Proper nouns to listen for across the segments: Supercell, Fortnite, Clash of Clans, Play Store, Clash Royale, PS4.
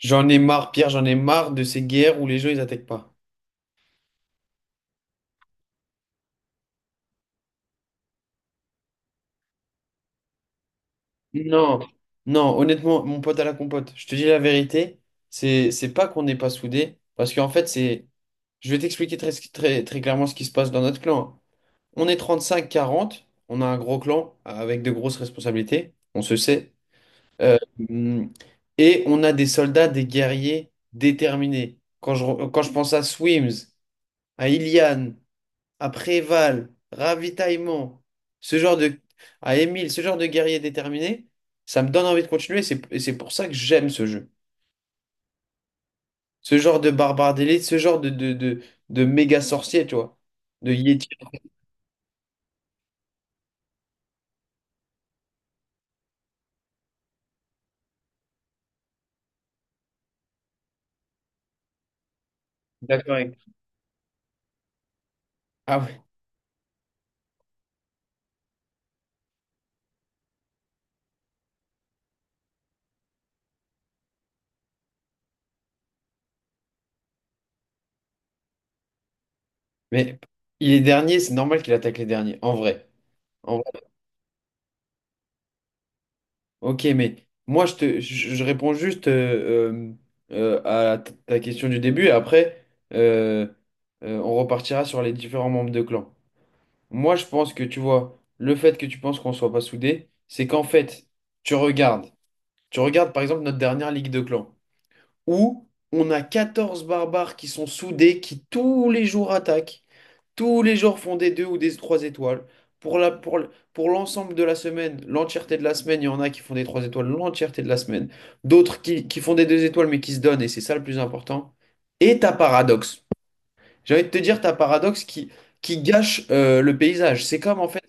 J'en ai marre, Pierre, j'en ai marre de ces guerres où les gens ils attaquent pas. Non, non, honnêtement, mon pote à la compote, je te dis la vérité, c'est pas qu'on n'est pas soudés, parce qu'en fait, c'est. Je vais t'expliquer très, très, très clairement ce qui se passe dans notre clan. On est 35-40, on a un gros clan avec de grosses responsabilités, on se sait. Euh, hum, et on a des soldats, des guerriers déterminés. Quand je pense à Swims, à Ilian, après Val, ravitaillement, ce genre de... à Émile, ce genre de guerrier déterminé, ça me donne envie de continuer. Et c'est pour ça que j'aime ce jeu. Ce genre de barbare d'élite, ce genre de méga sorcier, tu vois. De Yeti. D'accord. Ah ouais. Mais il est dernier, c'est normal qu'il attaque les derniers, en vrai. En vrai. Ok, mais moi, je réponds juste euh, euh, à ta question du début. Et après, euh, on repartira sur les différents membres de clan. Moi, je pense que tu vois, le fait que tu penses qu'on soit pas soudés, c'est qu'en fait, tu regardes, tu regardes par exemple notre dernière Ligue de clans, où on a 14 barbares qui sont soudés, qui tous les jours attaquent, tous les jours font des deux ou des trois étoiles. Pour l'ensemble de la semaine, l'entièreté de la semaine, il y en a qui font des trois étoiles l'entièreté de la semaine, d'autres qui font des deux étoiles mais qui se donnent, et c'est ça le plus important. Et ta paradoxe. J'ai envie de te dire, ta paradoxe qui gâche le paysage. C'est comme en fait.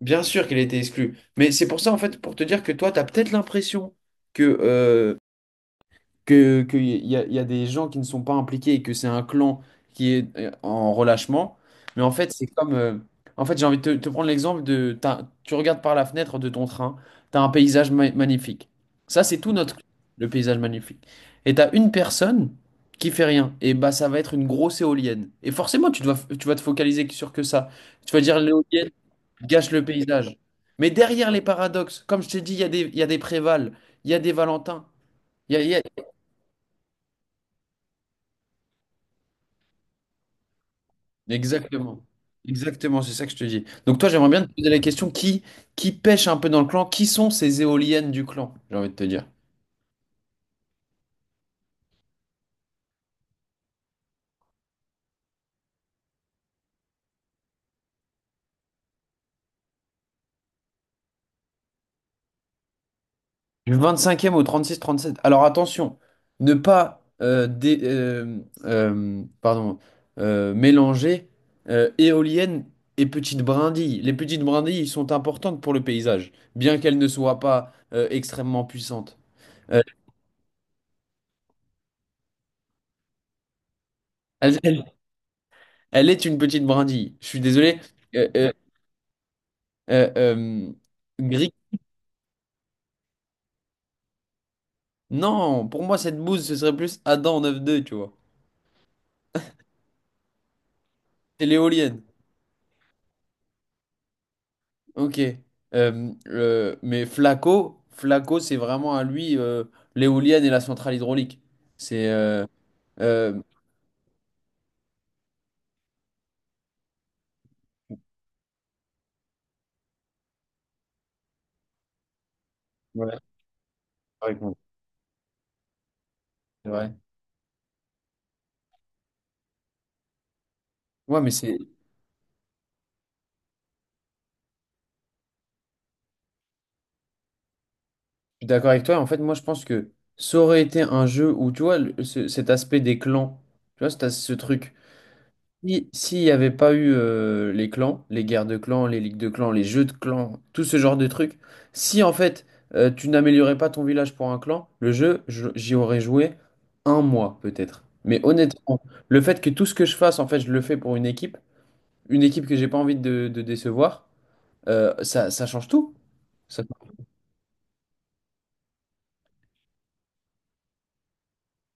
Bien sûr qu'elle était exclue. Mais c'est pour ça, en fait, pour te dire que toi, tu as peut-être l'impression que euh, que, qu'il y y a, y a des gens qui ne sont pas impliqués et que c'est un clan qui est en relâchement. Mais en fait, c'est comme. En fait, j'ai envie de te, te prendre l'exemple de. Tu regardes par la fenêtre de ton train, tu as un paysage magnifique. Ça, c'est tout notre. Le paysage magnifique. Et tu as une personne qui fait rien. Et bah, ça va être une grosse éolienne. Et forcément, tu vas te focaliser sur que ça. Tu vas dire l'éolienne gâche le paysage. Mais derrière les paradoxes, comme je t'ai dit, il y a des Préval, il y a des Valentin. Exactement. Exactement, c'est ça que je te dis. Donc toi, j'aimerais bien te poser la question, qui pêche un peu dans le clan? Qui sont ces éoliennes du clan? J'ai envie de te dire. Du 25e au 36, 37. Alors attention, ne pas pardon, mélanger éoliennes et petites brindilles. Les petites brindilles sont importantes pour le paysage, bien qu'elles ne soient pas extrêmement puissantes. Euh, elle, elle- elle est une petite brindille. Je suis désolé. Euh, euh, euh, euh, Non, pour moi, cette bouse, ce serait plus Adam 9-2, tu vois. C'est l'éolienne. Ok. Mais Flaco, Flaco, c'est vraiment à lui l'éolienne et la centrale hydraulique. C'est. Euh, ouais, c'est vrai. C'est vrai. Ouais, mais c'est. Je suis d'accord avec toi. En fait, moi, je pense que ça aurait été un jeu où, tu vois, cet aspect des clans, tu vois, c'est ce truc. Si, s'il n'y avait pas eu les clans, les guerres de clans, les ligues de clans, les jeux de clans, tout ce genre de trucs, si en fait tu n'améliorais pas ton village pour un clan, le jeu, j'y aurais joué un mois peut-être. Mais honnêtement, le fait que tout ce que je fasse, en fait, je le fais pour une équipe que j'ai pas envie de décevoir, ça, ça change tout. Ça-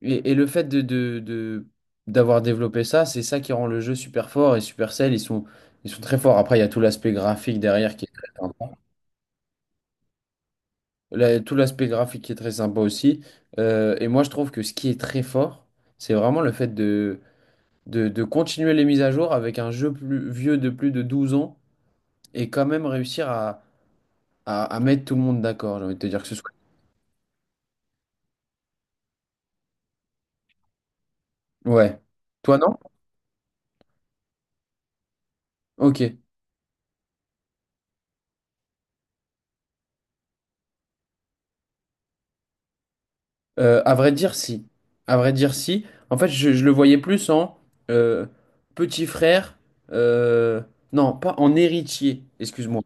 et le fait d'avoir développé ça, c'est ça qui rend le jeu super fort et Supercell, ils sont très forts. Après, il y a tout l'aspect graphique derrière qui est très important. Tout l'aspect graphique est très sympa aussi. Et moi, je trouve que ce qui est très fort, c'est vraiment le fait de continuer les mises à jour avec un jeu plus vieux de plus de 12 ans et quand même réussir à mettre tout le monde d'accord. J'ai envie de te dire que ce soit. Ouais. Toi, non? Ok. À vrai dire, si. À vrai dire, si. En fait, je le voyais plus en euh, petit frère. euh, non, pas en héritier. Excuse-moi.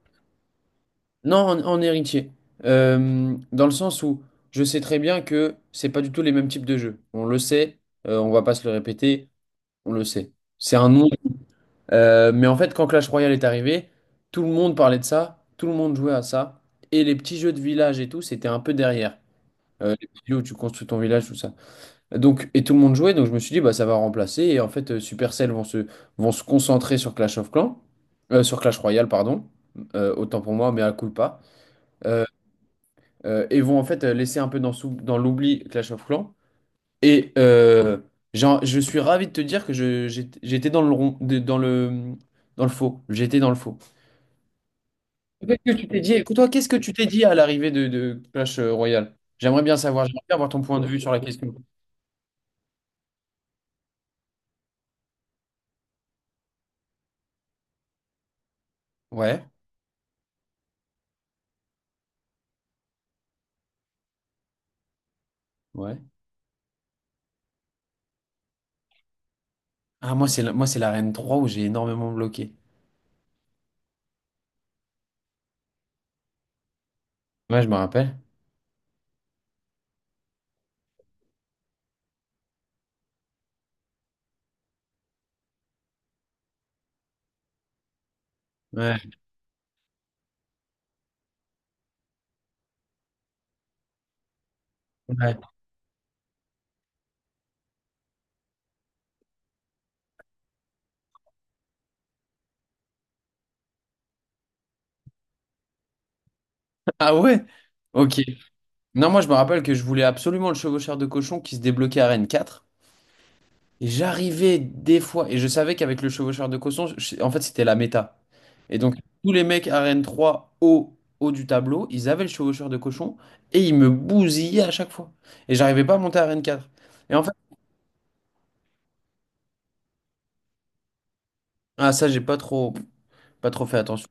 Non, en héritier. Dans le sens où je sais très bien que c'est pas du tout les mêmes types de jeux. On le sait, on va pas se le répéter, on le sait. C'est un nom. Mais en fait, quand Clash Royale est arrivé, tout le monde parlait de ça, tout le monde jouait à ça. Et les petits jeux de village et tout, c'était un peu derrière. Les petits jeux où tu construis ton village, tout ça. Donc, et tout le monde jouait, donc je me suis dit, bah, ça va remplacer. Et en fait, Supercell vont se concentrer sur Clash of Clans, sur Clash Royale, pardon. Autant pour moi, mais à coup pas. Euh, et vont en fait laisser un peu dans l'oubli Clash of Clans. Et je suis ravi de te dire que j'étais dans le rond, dans le faux. J'étais dans le faux. Qu'est-ce que tu t'es dit? Écoute, toi, qu'est-ce que tu t'es dit à l'arrivée de Clash Royale? J'aimerais bien savoir, j'aimerais bien avoir ton point de vue sur la question. Ouais, ouais. Ah, moi, c'est l'arène 3 où j'ai énormément bloqué. Ouais, je me rappelle. Ouais. Ouais. Ah ouais? Ok. Non, moi, je me rappelle que je voulais absolument le chevaucheur de cochon qui se débloquait à Rennes 4. Et j'arrivais des fois, et je savais qu'avec le chevaucheur de cochon, en fait, c'était la méta. Et donc, tous les mecs Arène 3 haut, haut du tableau, ils avaient le chevaucheur de cochon, et ils me bousillaient à chaque fois. Et j'arrivais pas à monter Arène quatre. Et en fait, ah, ça, j'ai pas trop fait attention.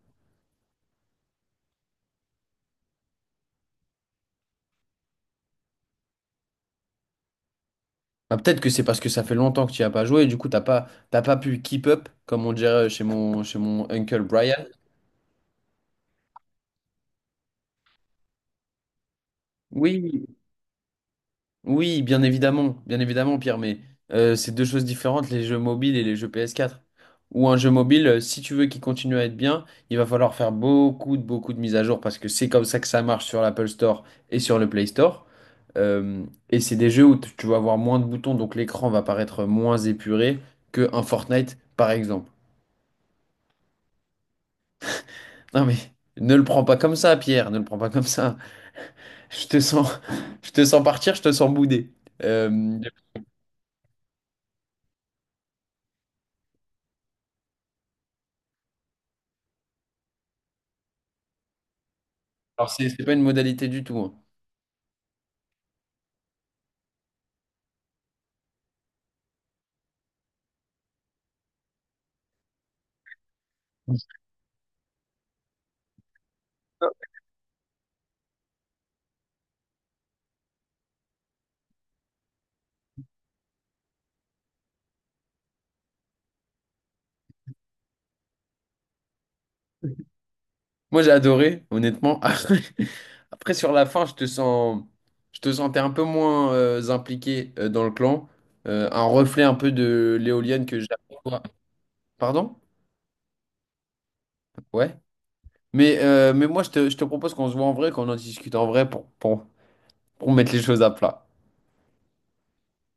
Ah, peut-être que c'est parce que ça fait longtemps que tu n'y as pas joué, et du coup, t'as pas pu keep up, comme on dirait chez chez mon uncle Brian. Oui, oui, bien évidemment, Pierre, mais c'est deux choses différentes, les jeux mobiles et les jeux PS4. Ou un jeu mobile, si tu veux qu'il continue à être bien, il va falloir faire beaucoup de mises à jour parce que c'est comme ça que ça marche sur l'Apple Store et sur le Play Store. Et c'est des jeux où tu vas avoir moins de boutons, donc l'écran va paraître moins épuré que un Fortnite, par exemple. Non mais ne le prends pas comme ça, Pierre, ne le prends pas comme ça. Je te sens, je te sens partir, je te sens bouder. Euh, alors c'est pas une modalité du tout, hein. Moi, j'ai adoré, honnêtement. Après, après, sur la fin, je te sentais un peu moins impliqué dans le clan. Un reflet un peu de l'éolienne que j'aperçois. Pardon? Ouais. Mais moi, je te propose qu'on se voit en vrai, qu'on en discute en vrai pour mettre les choses à plat.